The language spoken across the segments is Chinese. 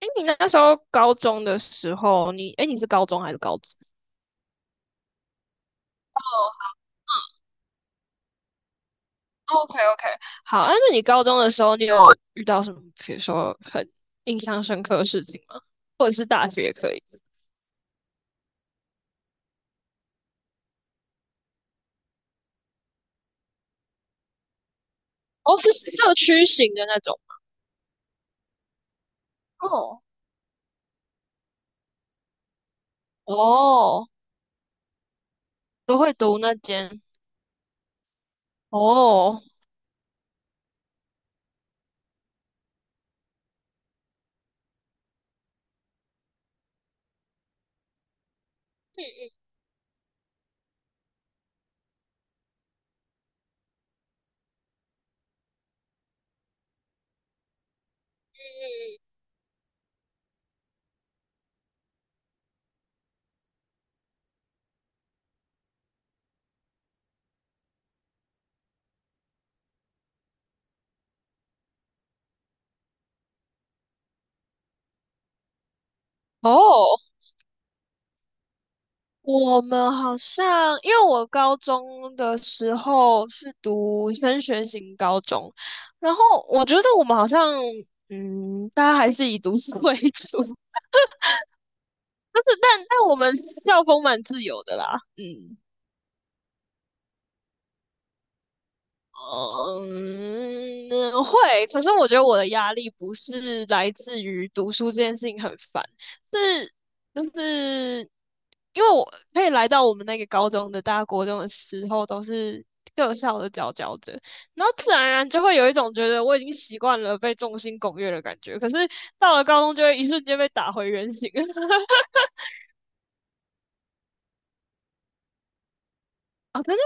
哎，你那时候高中的时候，你是高中还是高职？OK OK，好，啊，那你高中的时候，你有遇到什么，比如说很印象深刻的事情吗？或者是大学也可以？哦，是社区型的那种。哦哦，都会读那间。哦，嗯嗯嗯嗯，哦，我们好像，因为我高中的时候是读升学型高中，然后我觉得我们好像，大家还是以读书 为主，但是我们校风蛮自由的啦，嗯。嗯，会。可是我觉得我的压力不是来自于读书这件事情很烦，是就是因为我可以来到我们那个高中的大国中的时候，都是各校的佼佼者，然后自然而然就会有一种觉得我已经习惯了被众星拱月的感觉。可是到了高中，就会一瞬间被打回原形。啊！真的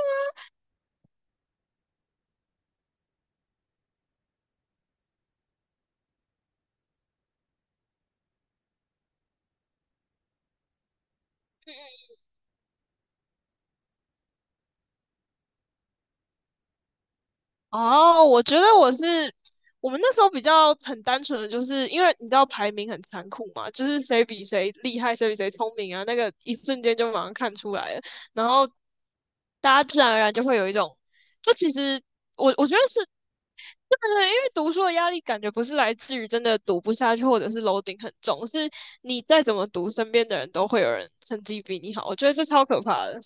哦，我觉得我们那时候比较很单纯的，就是因为你知道排名很残酷嘛，就是谁比谁厉害，谁比谁聪明啊，那个一瞬间就马上看出来了，然后大家自然而然就会有一种，就其实我觉得是。对对对，因为读书的压力感觉不是来自于真的读不下去，或者是楼顶很重，是你再怎么读，身边的人都会有人成绩比你好，我觉得这超可怕的。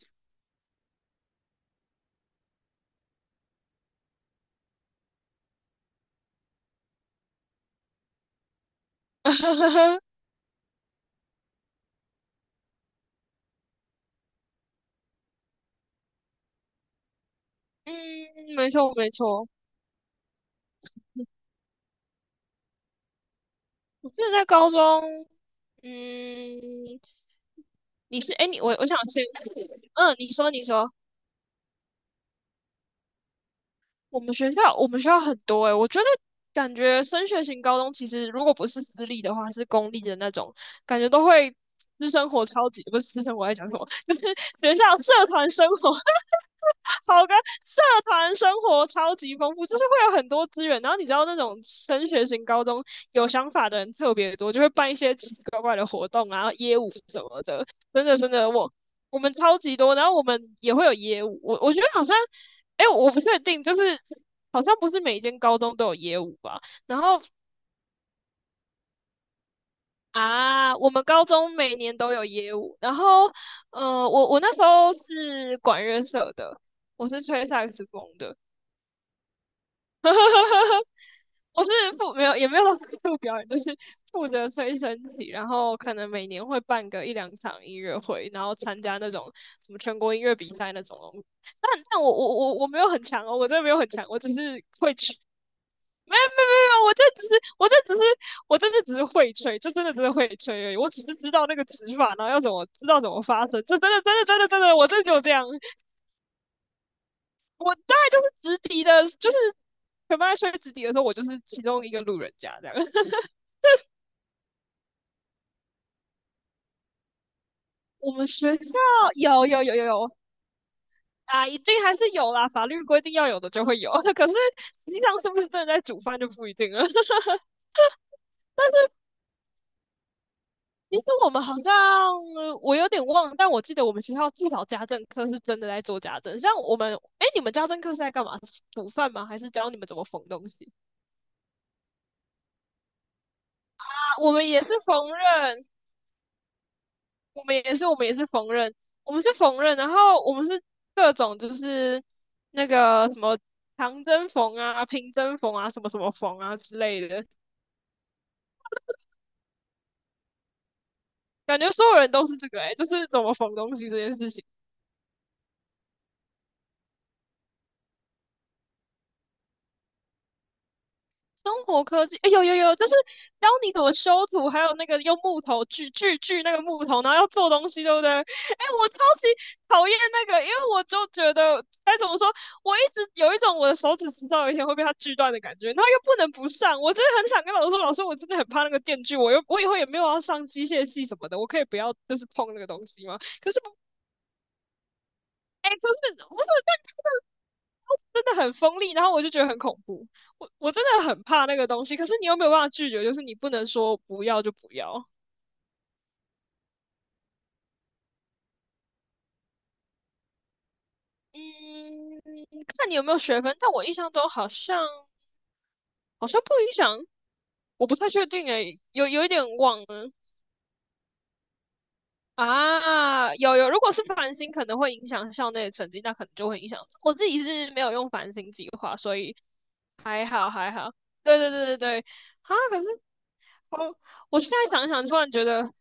嗯，没错没错，我记得在高中。嗯，你是哎，你我我想先，嗯，你说你说，我们学校很多我觉得感觉升学型高中其实如果不是私立的话，是公立的那种，感觉都会私生活超级不是私生活在讲什么，就是学校社团生活好跟，社团生活超级丰富，就是会有很多资源。然后你知道那种升学型高中有想法的人特别多，就会办一些奇奇怪怪的活动啊，业务什么的。真的真的，我们超级多，然后我们也会有业务。我觉得好像，我不确定，就是好像不是每一间高中都有业务吧。然后 啊，我们高中每年都有业务。然后我那时候是管乐社的，我是吹萨克斯风的。我是没有也没有到负责表演，就是负责吹身体，然后可能每年会办个一两场音乐会，然后参加那种什么全国音乐比赛那种东西。但我没有很强哦，我真的没有很强，我只是会吹。没有没有没有，我真的只是会吹，就真的真的会吹而已。我只是知道那个指法，然后要怎么知道怎么发声，这真的真的真的真的，我真的就这样。我大概就是直笛的，就是全班在吹直笛的时候，我就是其中一个路人甲这样。我们学校有有有有有啊，一定还是有啦，法律规定要有的就会有，可是平常是不是真的在煮饭就不一定了。其实我们好像我有点忘了但我记得我们学校至少家政课是真的在做家政。像我们，哎，你们家政课是在干嘛？煮饭吗？还是教你们怎么缝东西啊？我们也是缝纫，我们也是，我们也是缝纫，我们是缝纫，然后我们是各种就是那个什么长针缝啊、平针缝啊、什么什么缝啊之类的，感觉所有人都是这个就是怎么缝东西这件事情。中国科技，有有有，就是教你怎么修图，还有那个用木头锯锯锯那个木头，然后要做东西，对不对？我超级讨厌那个，因为我就觉得该怎么说，我一直有一种我的手指迟早有一天会被它锯断的感觉，然后又不能不上，我真的很想跟老师说，老师，我真的很怕那个电锯，我以后也没有要上机械系什么的，我可以不要就是碰那个东西吗？可是不，可是不是，但真的很锋利，然后我就觉得很恐怖，我真的很怕那个东西，可是你又没有办法拒绝，就是你不能说不要就不要。嗯，看你有没有学分，但我印象中好像不影响，我不太确定诶，有一点忘了。啊，有有，如果是繁星可能会影响校内的成绩，那可能就会影响。我自己是没有用繁星计划，所以还好还好。对对对对对，啊，可是 哦，我现在想想，突然觉得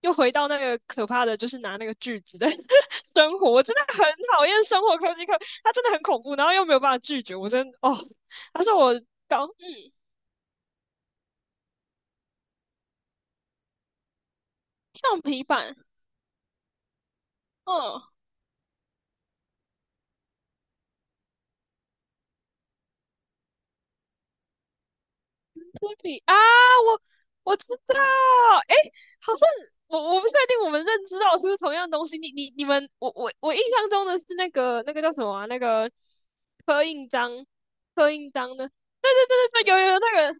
又回到那个可怕的，就是拿那个锯子的 生活。我真的很讨厌生活科技课，它真的很恐怖，然后又没有办法拒绝。我真哦，他说我搞橡皮板，嗯，铅笔啊，我我知道，诶，好像我不确定我们认知到是不是同样东西。你们，我印象中的是那个叫什么啊？那个刻印章，刻印章的。对对对对对，有有有那个。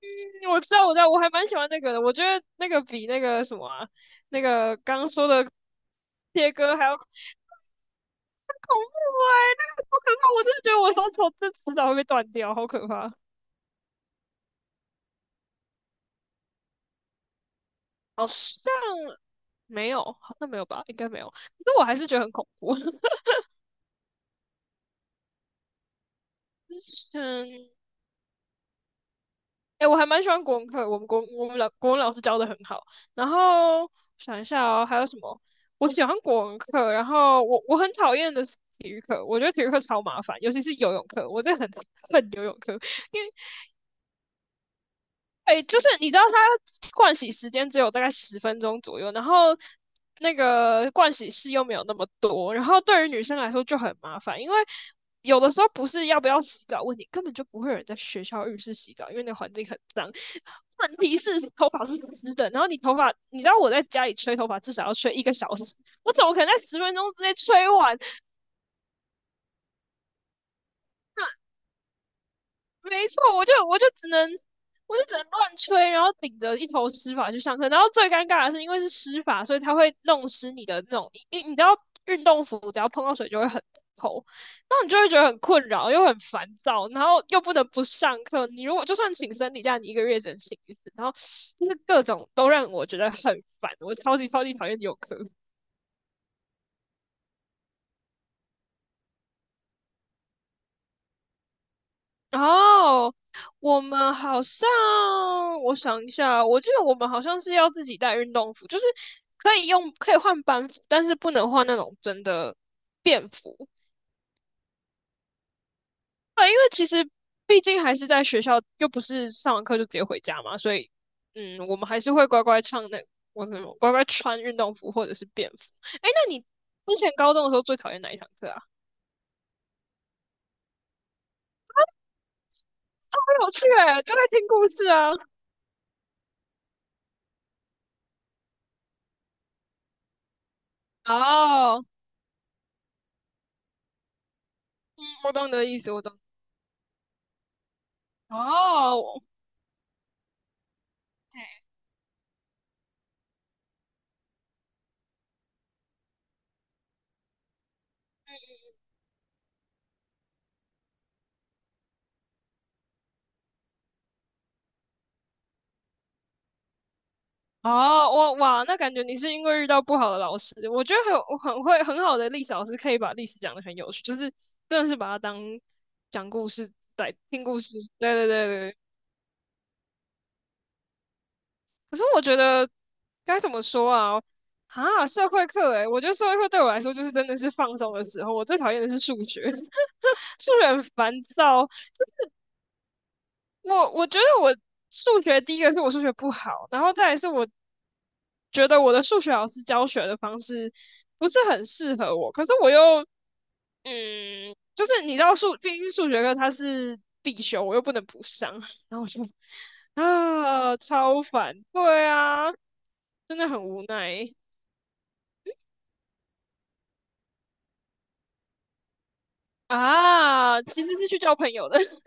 嗯，我知道，我知道，我还蛮喜欢那个的。我觉得那个比那个什么啊那个刚刚说的切割还要更恐怖哎、那个好可怕！我真的觉得我双手这迟早会被断掉，好可怕。好像没有，好像没有吧，应该没有。可是我还是觉得很恐怖。之前我还蛮喜欢国文课，我们老国文老师教的很好。然后想一下哦，还有什么？我喜欢国文课，然后我很讨厌的是体育课，我觉得体育课超麻烦，尤其是游泳课，我真的很 恨游泳课，因为就是你知道它盥洗时间只有大概十分钟左右，然后那个盥洗室又没有那么多，然后对于女生来说就很麻烦，因为有的时候不是要不要洗澡问题，根本就不会有人在学校浴室洗澡，因为那个环境很脏。问题是头发是湿的，然后你头发，你知道我在家里吹头发至少要吹1个小时，我怎么可能在十分钟之内吹完。没错，我就只能乱吹，然后顶着一头湿发去上课。然后最尴尬的是，因为是湿发，所以它会弄湿你的那种，你知道运动服只要碰到水就会很透，然后你就会觉得很困扰，又很烦躁，然后又不能不上课。你如果就算请生理假，你1个月只能请一次，然后就是各种都让我觉得很烦，我超级超级讨厌有课。哦，我们好像，我想一下，我记得我们好像是要自己带运动服，就是可以换班服，但是不能换那种真的便服。那其实毕竟还是在学校，又不是上完课就直接回家嘛，所以，嗯，我们还是会乖乖唱那，我什么乖乖穿运动服或者是便服。哎，那你之前高中的时候最讨厌哪一堂课啊？很有趣诶，就在听故事啊。哦，我懂你的意思，我懂。哦。哦，哇哇，那感觉你是因为遇到不好的老师，我觉得很我很会很好的历史老师可以把历史讲的很有趣，就是真的是把它当讲故事来听故事。对对对对。可是我觉得该怎么说啊？啊，社会课诶，我觉得社会课对我来说就是真的是放松的时候，我最讨厌的是数学，数学很烦躁。我觉得我数学第一个是我数学不好，然后再来是我觉得我的数学老师教学的方式不是很适合我，可是我又就是你知道毕竟数学课它是必修，我又不能不上，然后我就啊超烦，对啊，真的很无奈啊，其实是去交朋友的，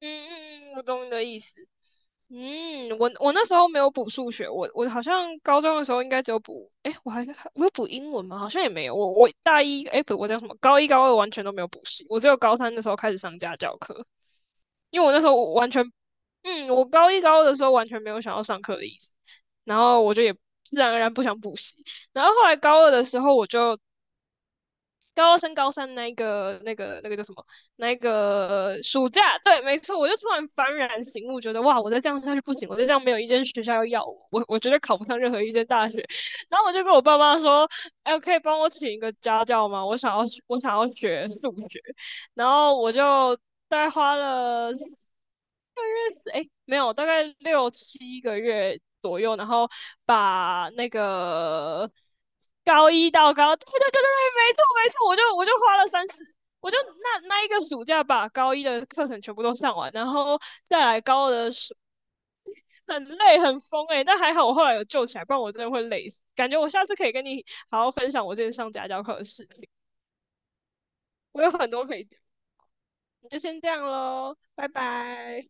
嗯嗯嗯，我懂你的意思。嗯，我那时候没有补数学，我好像高中的时候应该只有补，我有补英文吗？好像也没有，我大一，不，我叫什么？高一高二完全都没有补习，我只有高三的时候开始上家教课，因为我那时候完全，我高一高二的时候完全没有想要上课的意思，然后我就也自然而然不想补习，然后后来高二的时候高二升高三那个叫什么？那个暑假，对，没错，我就突然幡然醒悟，觉得哇，我再这样下去不行，我再这样没有一间学校要我，我绝对考不上任何一间大学。然后我就跟我爸妈说，哎，可以帮我请一个家教吗？我想要学数学。然后我就大概花了。没有，大概6-7个月左右，然后把那个高一到高，对对对对对，没错没错，我就花了30，我就那一个暑假把高一的课程全部都上完，然后再来高二的暑，很累很疯但还好我后来有救起来，不然我真的会累死。感觉我下次可以跟你好好分享我之前上家教课的事情，我有很多可以讲，你就先这样喽，拜拜。